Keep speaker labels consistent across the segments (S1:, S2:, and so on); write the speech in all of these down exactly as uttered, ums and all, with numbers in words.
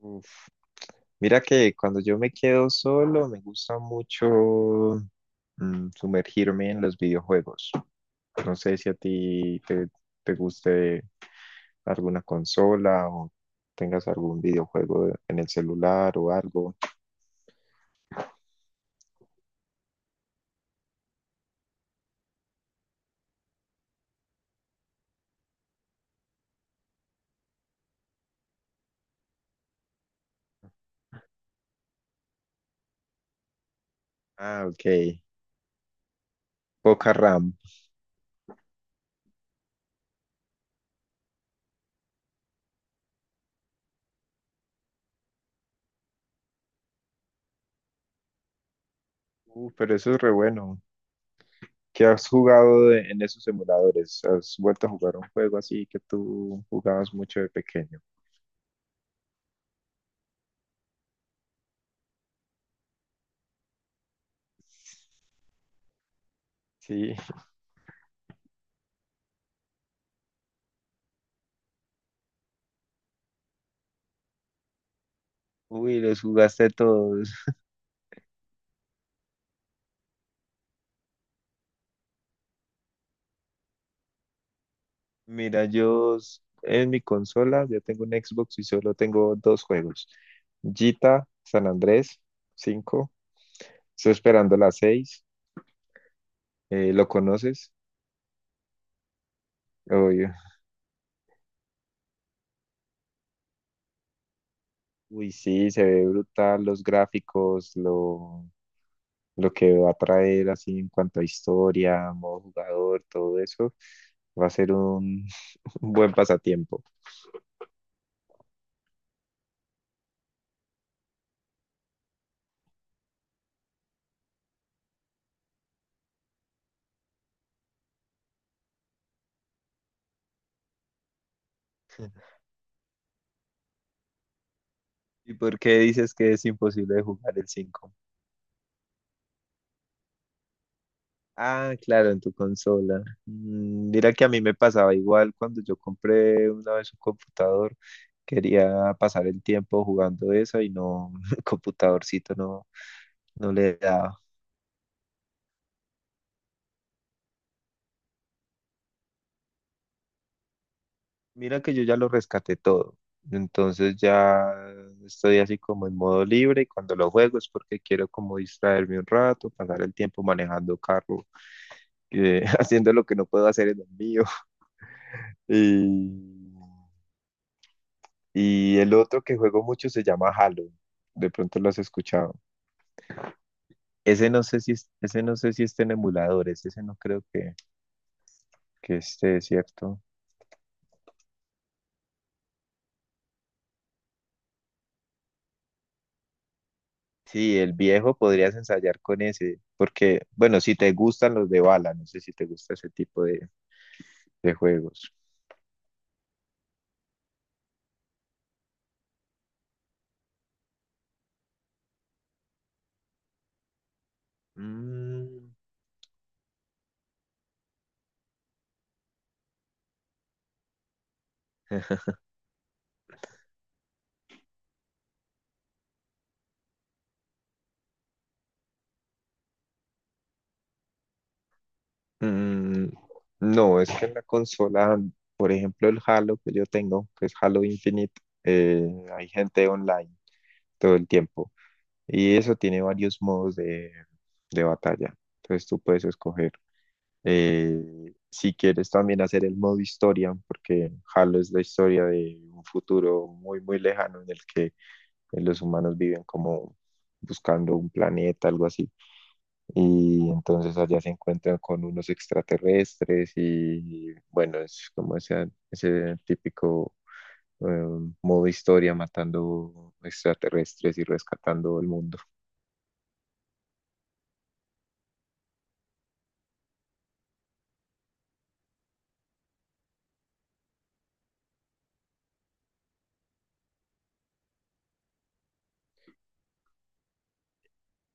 S1: Uf, Mira que cuando yo me quedo solo, me gusta mucho mm, sumergirme en los videojuegos. No sé si a ti te, te guste alguna consola o tengas algún videojuego en el celular o algo. Ah, ok. Poca RAM. Uh, pero eso es re bueno. ¿Qué has jugado de- en esos emuladores? ¿Has vuelto a jugar un juego así que tú jugabas mucho de pequeño? Sí. Uy, los jugaste todos. Mira, yo s- en mi consola ya tengo un Xbox y solo tengo dos juegos. Gita, San Andrés, cinco. Estoy esperando la seis. ¿Lo conoces? Obvio. Uy, sí, se ve brutal los gráficos, lo... lo que va a traer así en cuanto a historia, modo jugador, todo eso, va a ser un un buen pasatiempo. ¿Y por qué dices que es imposible de jugar el cinco? Ah, claro, en tu consola. Mm, mira que a mí me pasaba igual cuando yo compré una vez un computador. Quería pasar el tiempo jugando eso y no, el computadorcito no, no le daba. Mira que yo ya lo rescaté todo. Entonces ya estoy así como en modo libre, y cuando lo juego es porque quiero como distraerme un rato, pasar el tiempo manejando carro, que- haciendo lo que no puedo hacer en el mío. Y, y el otro que juego mucho se llama Halo. De pronto lo has escuchado. Ese no sé si es- ese no sé si está en emuladores, ese no creo que, que esté, ¿cierto? Sí, el viejo podrías ensayar con ese, porque, bueno, si te gustan los de bala, no sé si te gusta ese tipo de, de juegos. Mm, mm, no, es que en la consola, por ejemplo, el Halo que yo tengo, que es Halo Infinite, eh, hay gente online todo el tiempo. Y eso tiene varios modos de, de batalla. Entonces tú puedes escoger. Eh, si quieres también hacer el modo historia, porque Halo es la historia de un futuro muy, muy lejano en el que eh, los humanos viven como buscando un planeta, algo así, y entonces allá se encuentran con unos extraterrestres y bueno, es como ese, ese típico eh, modo historia matando extraterrestres y rescatando el mundo.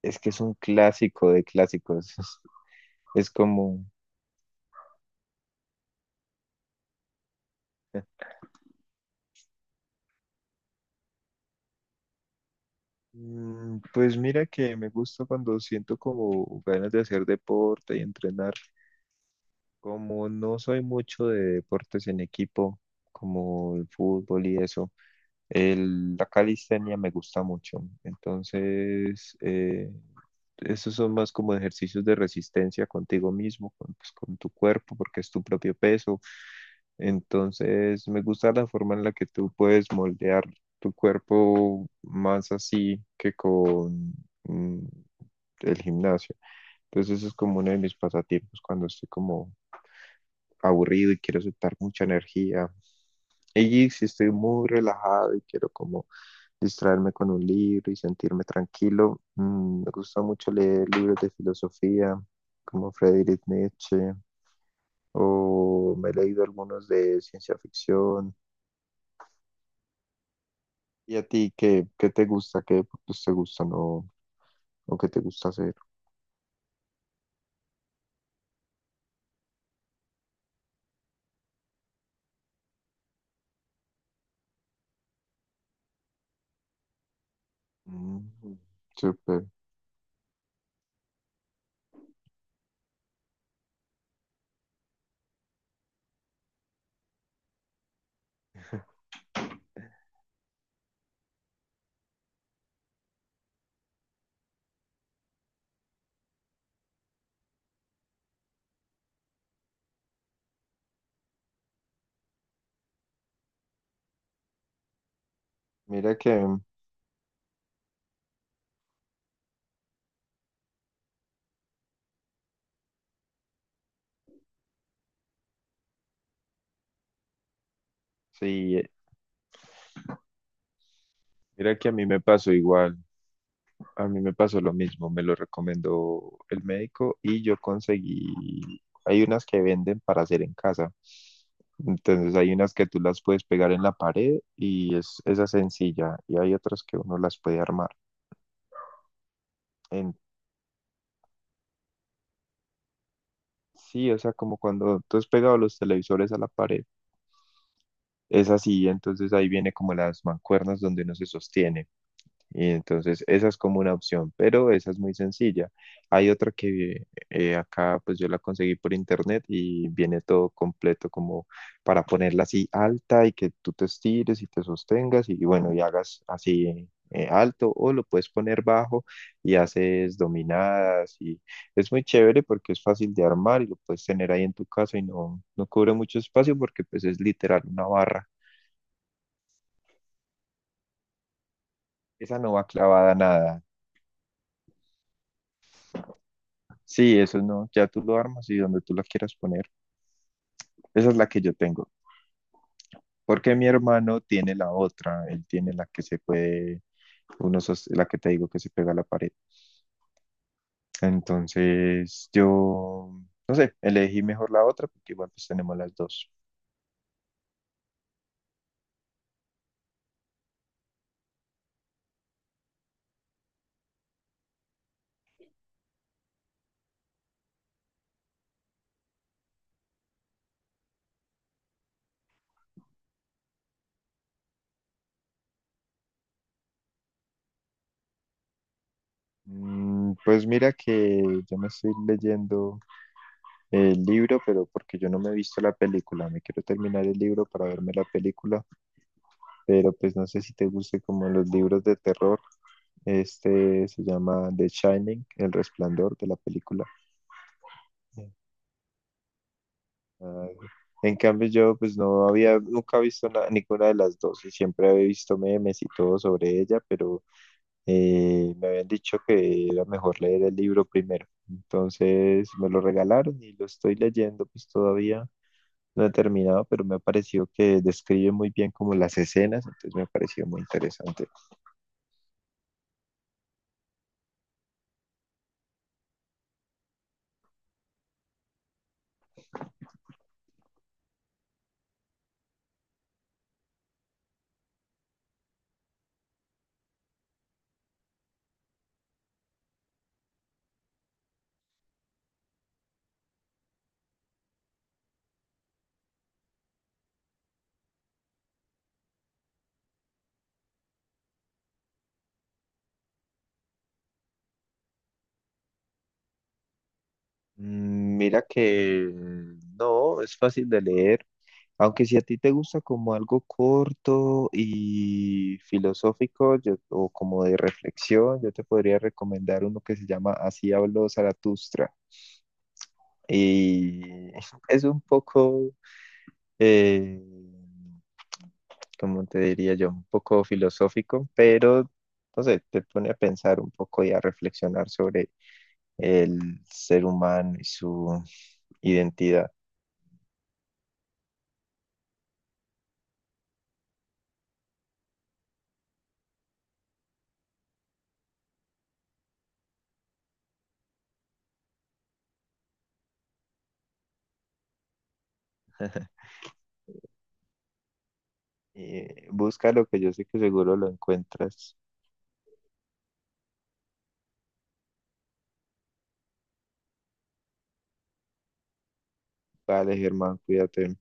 S1: Es que es un clásico de clásicos, es como mm, pues mira que me gusta cuando siento como ganas de hacer deporte y entrenar. Como no soy mucho de deportes en equipo, como el fútbol y eso, El- la calistenia me gusta mucho. Entonces, eh, esos son más como ejercicios de resistencia contigo mismo, con, pues, con tu cuerpo, porque es tu propio peso. Entonces, me gusta la forma en la que tú puedes moldear tu cuerpo más así que con mm, el gimnasio. Entonces, eso es como uno de mis pasatiempos cuando estoy como aburrido y quiero soltar mucha energía. Y si estoy muy relajado y quiero como distraerme con un libro y sentirme tranquilo. Mm, me gusta mucho leer libros de filosofía como Friedrich Nietzsche, o me he leído algunos de ciencia ficción. ¿Y a ti qué, qué te gusta? ¿Qué deportes te gustan o, o qué te gusta hacer? Mm, súper. Mira que, sí, mira que a mí me pasó igual. A mí me pasó lo mismo, me lo recomendó el médico y yo conseguí, hay unas que venden para hacer en casa. Entonces hay unas que tú las puedes pegar en la pared y es esa es sencilla, y hay otras que uno las puede armar. En, sí, o sea, como cuando tú has pegado los televisores a la pared, es así, entonces ahí viene como las mancuernas donde uno se sostiene. Y entonces esa es como una opción, pero esa es muy sencilla. Hay otra que eh, acá pues yo la conseguí por internet y viene todo completo como para ponerla así alta y que tú te estires y te sostengas y bueno, y hagas así eh, alto, o lo puedes poner bajo y haces dominadas, y es muy chévere porque es fácil de armar y lo puedes tener ahí en tu casa y no, no cubre mucho espacio porque pues es literal una barra. Esa no va clavada a nada. Sí, eso no, ya tú lo armas y donde tú la quieras poner. Esa es la que yo tengo. Porque mi hermano tiene la otra, él tiene la que se puede, uno sos- la que te digo que se pega a la pared. Entonces, yo, no sé, elegí mejor la otra porque igual pues tenemos las dos. Mm, pues mira que yo me estoy leyendo el libro, pero porque yo no me he visto la película, me quiero terminar el libro para verme la película, pero pues no sé si te guste como los libros de terror. Este se llama The Shining, El Resplandor de la película. Ah, en cambio yo pues no había nunca visto na- ninguna de las dos y siempre había visto memes y todo sobre ella, pero eh, me habían dicho que era mejor leer el libro primero. Entonces me lo regalaron y lo estoy leyendo, pues todavía no he terminado, pero me ha parecido que describe muy bien como las escenas, entonces me ha parecido muy interesante. Mm, mira que no, es fácil de leer, aunque si a ti te gusta como algo corto y filosófico, yo- o como de reflexión, yo te podría recomendar uno que se llama Así habló Zaratustra. Y es un poco, eh, como te diría yo, un poco filosófico, pero no sé, te pone a pensar un poco y a reflexionar sobre el ser humano y su identidad. Eh, busca lo que yo sé que seguro lo encuentras. Vale, Germán, cuídate.